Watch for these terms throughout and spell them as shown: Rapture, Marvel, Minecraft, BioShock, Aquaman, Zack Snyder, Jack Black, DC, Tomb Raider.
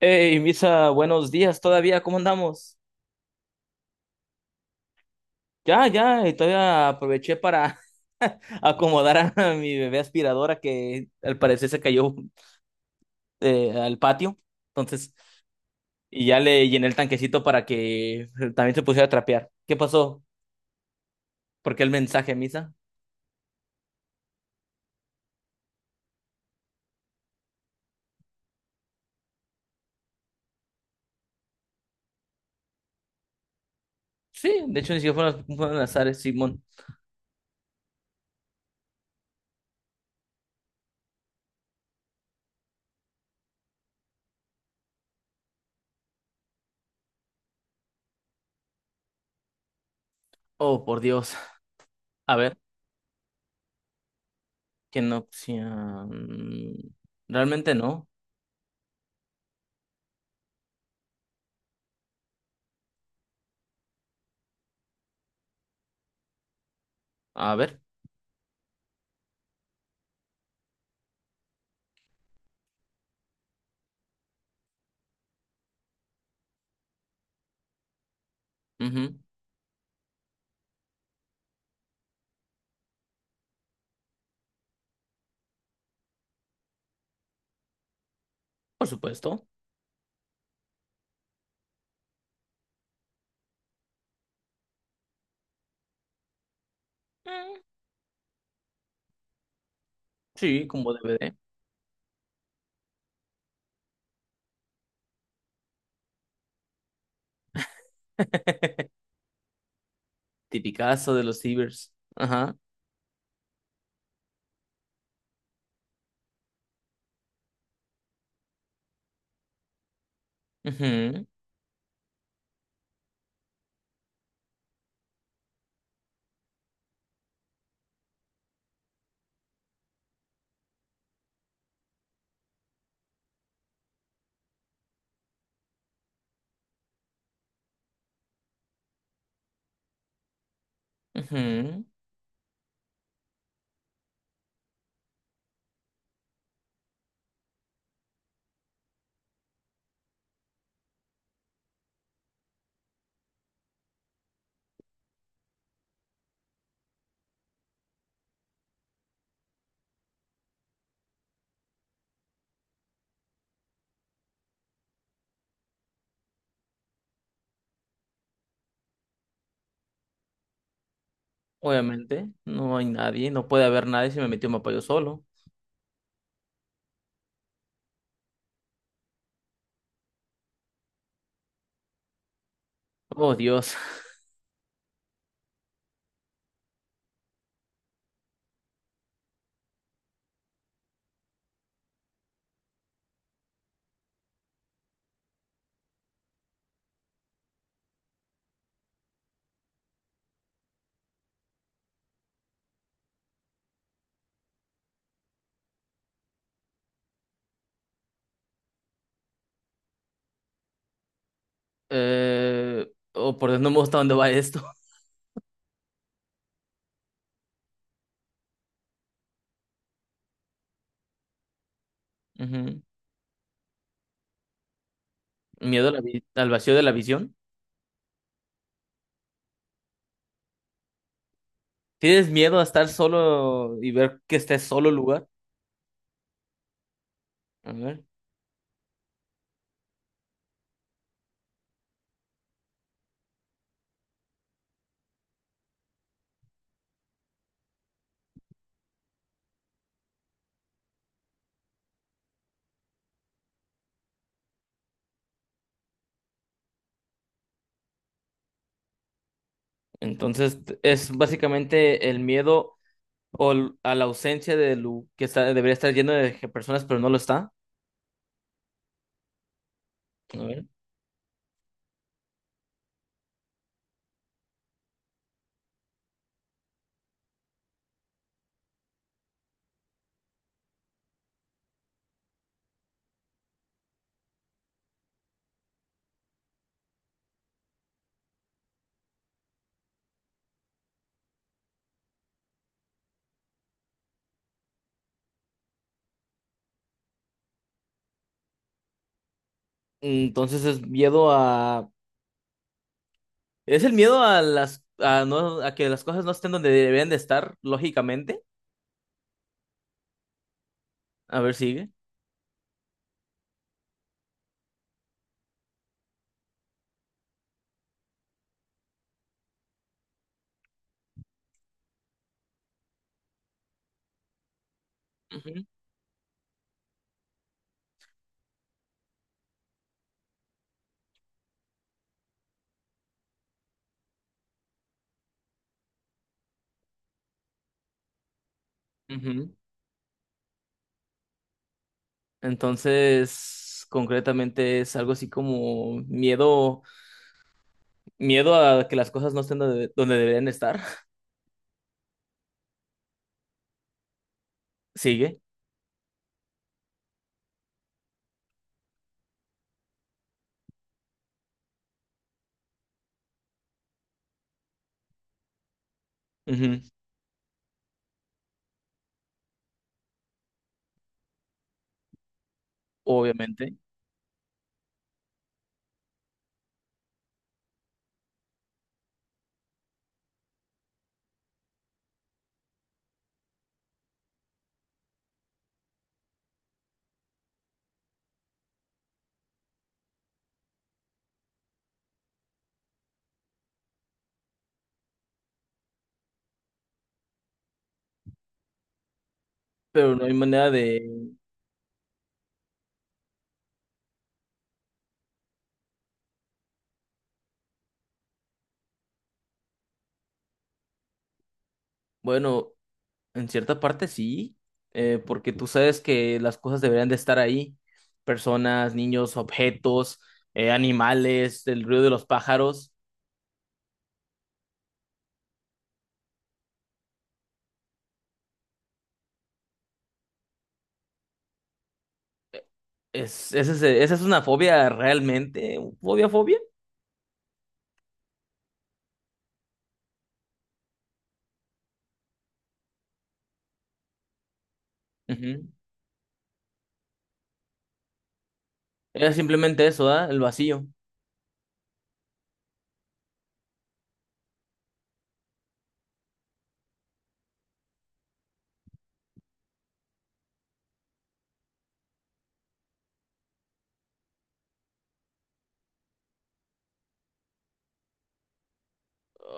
Hey, Misa, buenos días todavía, ¿cómo andamos? Ya, ya, y todavía aproveché para acomodar a mi bebé aspiradora que al parecer se cayó al patio. Entonces, y ya le llené el tanquecito para que también se pusiera a trapear. ¿Qué pasó? ¿Por qué el mensaje, Misa? Sí, de hecho, ni siquiera fueron, fueron las Ares, Simón. Oh, por Dios. A ver, ¿qué no opción? Realmente no. A ver, ujú. Por supuesto. Mm, sí, como DVD. Tipicazo de los cibers. Ajá. Ujú, ujú. Obviamente, no hay nadie, no puede haber nadie si me metió un mapa yo solo. Oh, Dios. Eh, oh, por Dios, no me gusta dónde va esto. Ujú. Miedo a al vacío de la visión. ¿Tienes miedo a estar solo y ver que estés solo el lugar? A ver. Entonces, es básicamente el miedo a la ausencia de que está, debería estar lleno de personas, pero no lo está. A ver. Entonces, es miedo a, es el miedo a las a no a que las cosas no estén donde deberían de estar, lógicamente. A ver, sigue. Ujú, ujú. Entonces, concretamente es algo así como miedo, miedo a que las cosas no estén donde, donde deberían estar. Sigue. Ujú. Obviamente, pero no hay manera de, bueno, en cierta parte sí, porque tú sabes que las cosas deberían de estar ahí, personas, niños, objetos, animales, el ruido de los pájaros. Es, esa es una fobia realmente, fobia, fobia. Ujú. Era simplemente eso, ¿ah? El vacío.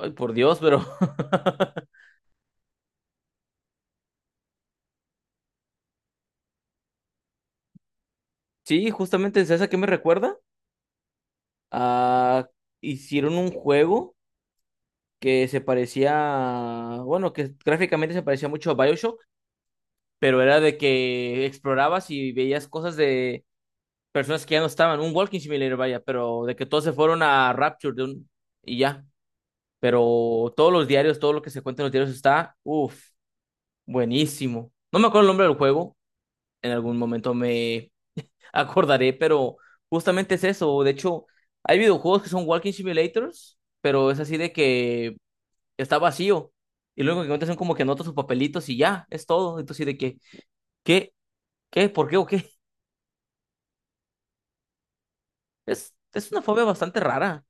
Ay, por Dios, pero... Sí, justamente es esa que me recuerda. Ah, hicieron un juego que se parecía, bueno, que gráficamente se parecía mucho a BioShock, pero era de que explorabas y veías cosas de personas que ya no estaban, un walking simulator, vaya, pero de que todos se fueron a Rapture de un, y ya. Pero todos los diarios, todo lo que se cuenta en los diarios está, uff, buenísimo. No me acuerdo el nombre del juego, en algún momento me acordaré, pero justamente es eso. De hecho, hay videojuegos que son walking simulators, pero es así de que está vacío. Y luego que encuentras son como que anotas sus papelitos y ya, es todo. Entonces, sí de que, ¿qué? ¿Qué? ¿Por qué o qué? Es una fobia bastante rara.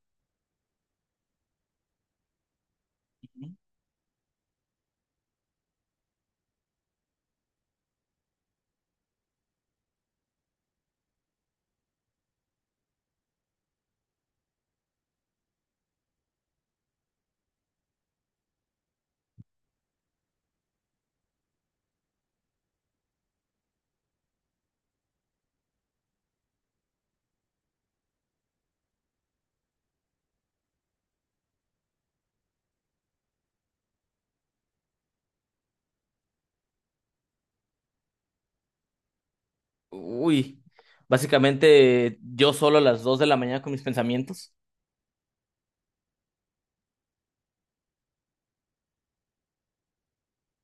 Uy, básicamente yo solo a las 2 de la mañana con mis pensamientos.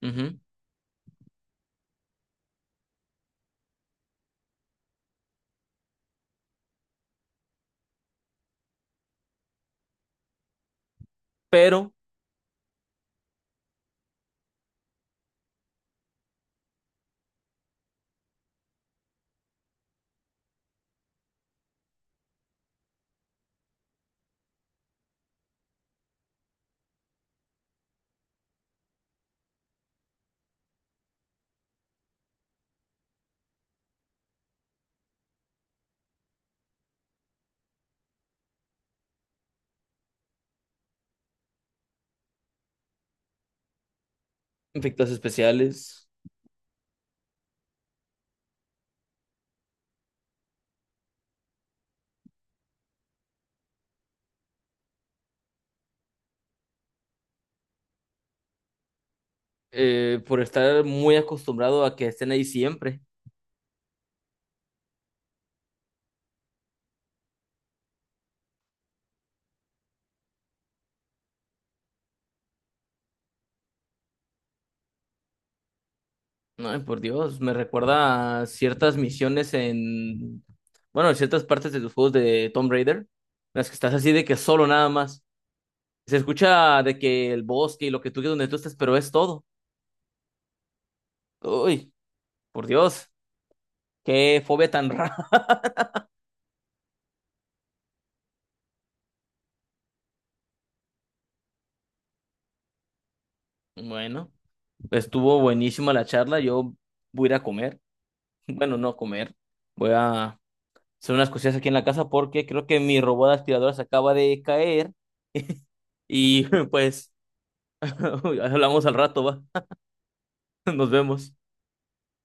Ujú. Pero efectos especiales, por estar muy acostumbrado a que estén ahí siempre. Ay, por Dios, me recuerda a ciertas misiones en, bueno, en ciertas partes de los juegos de Tomb Raider, en las que estás así de que solo nada más. Se escucha de que el bosque y lo que tú, quieras donde tú estés, pero es todo. Uy, por Dios, qué fobia tan rara. Bueno. Estuvo buenísima la charla. Yo voy a ir a comer. Bueno, no comer. Voy a hacer unas cosillas aquí en la casa porque creo que mi robot aspirador se acaba de caer. Y pues hablamos al rato, va. Nos vemos.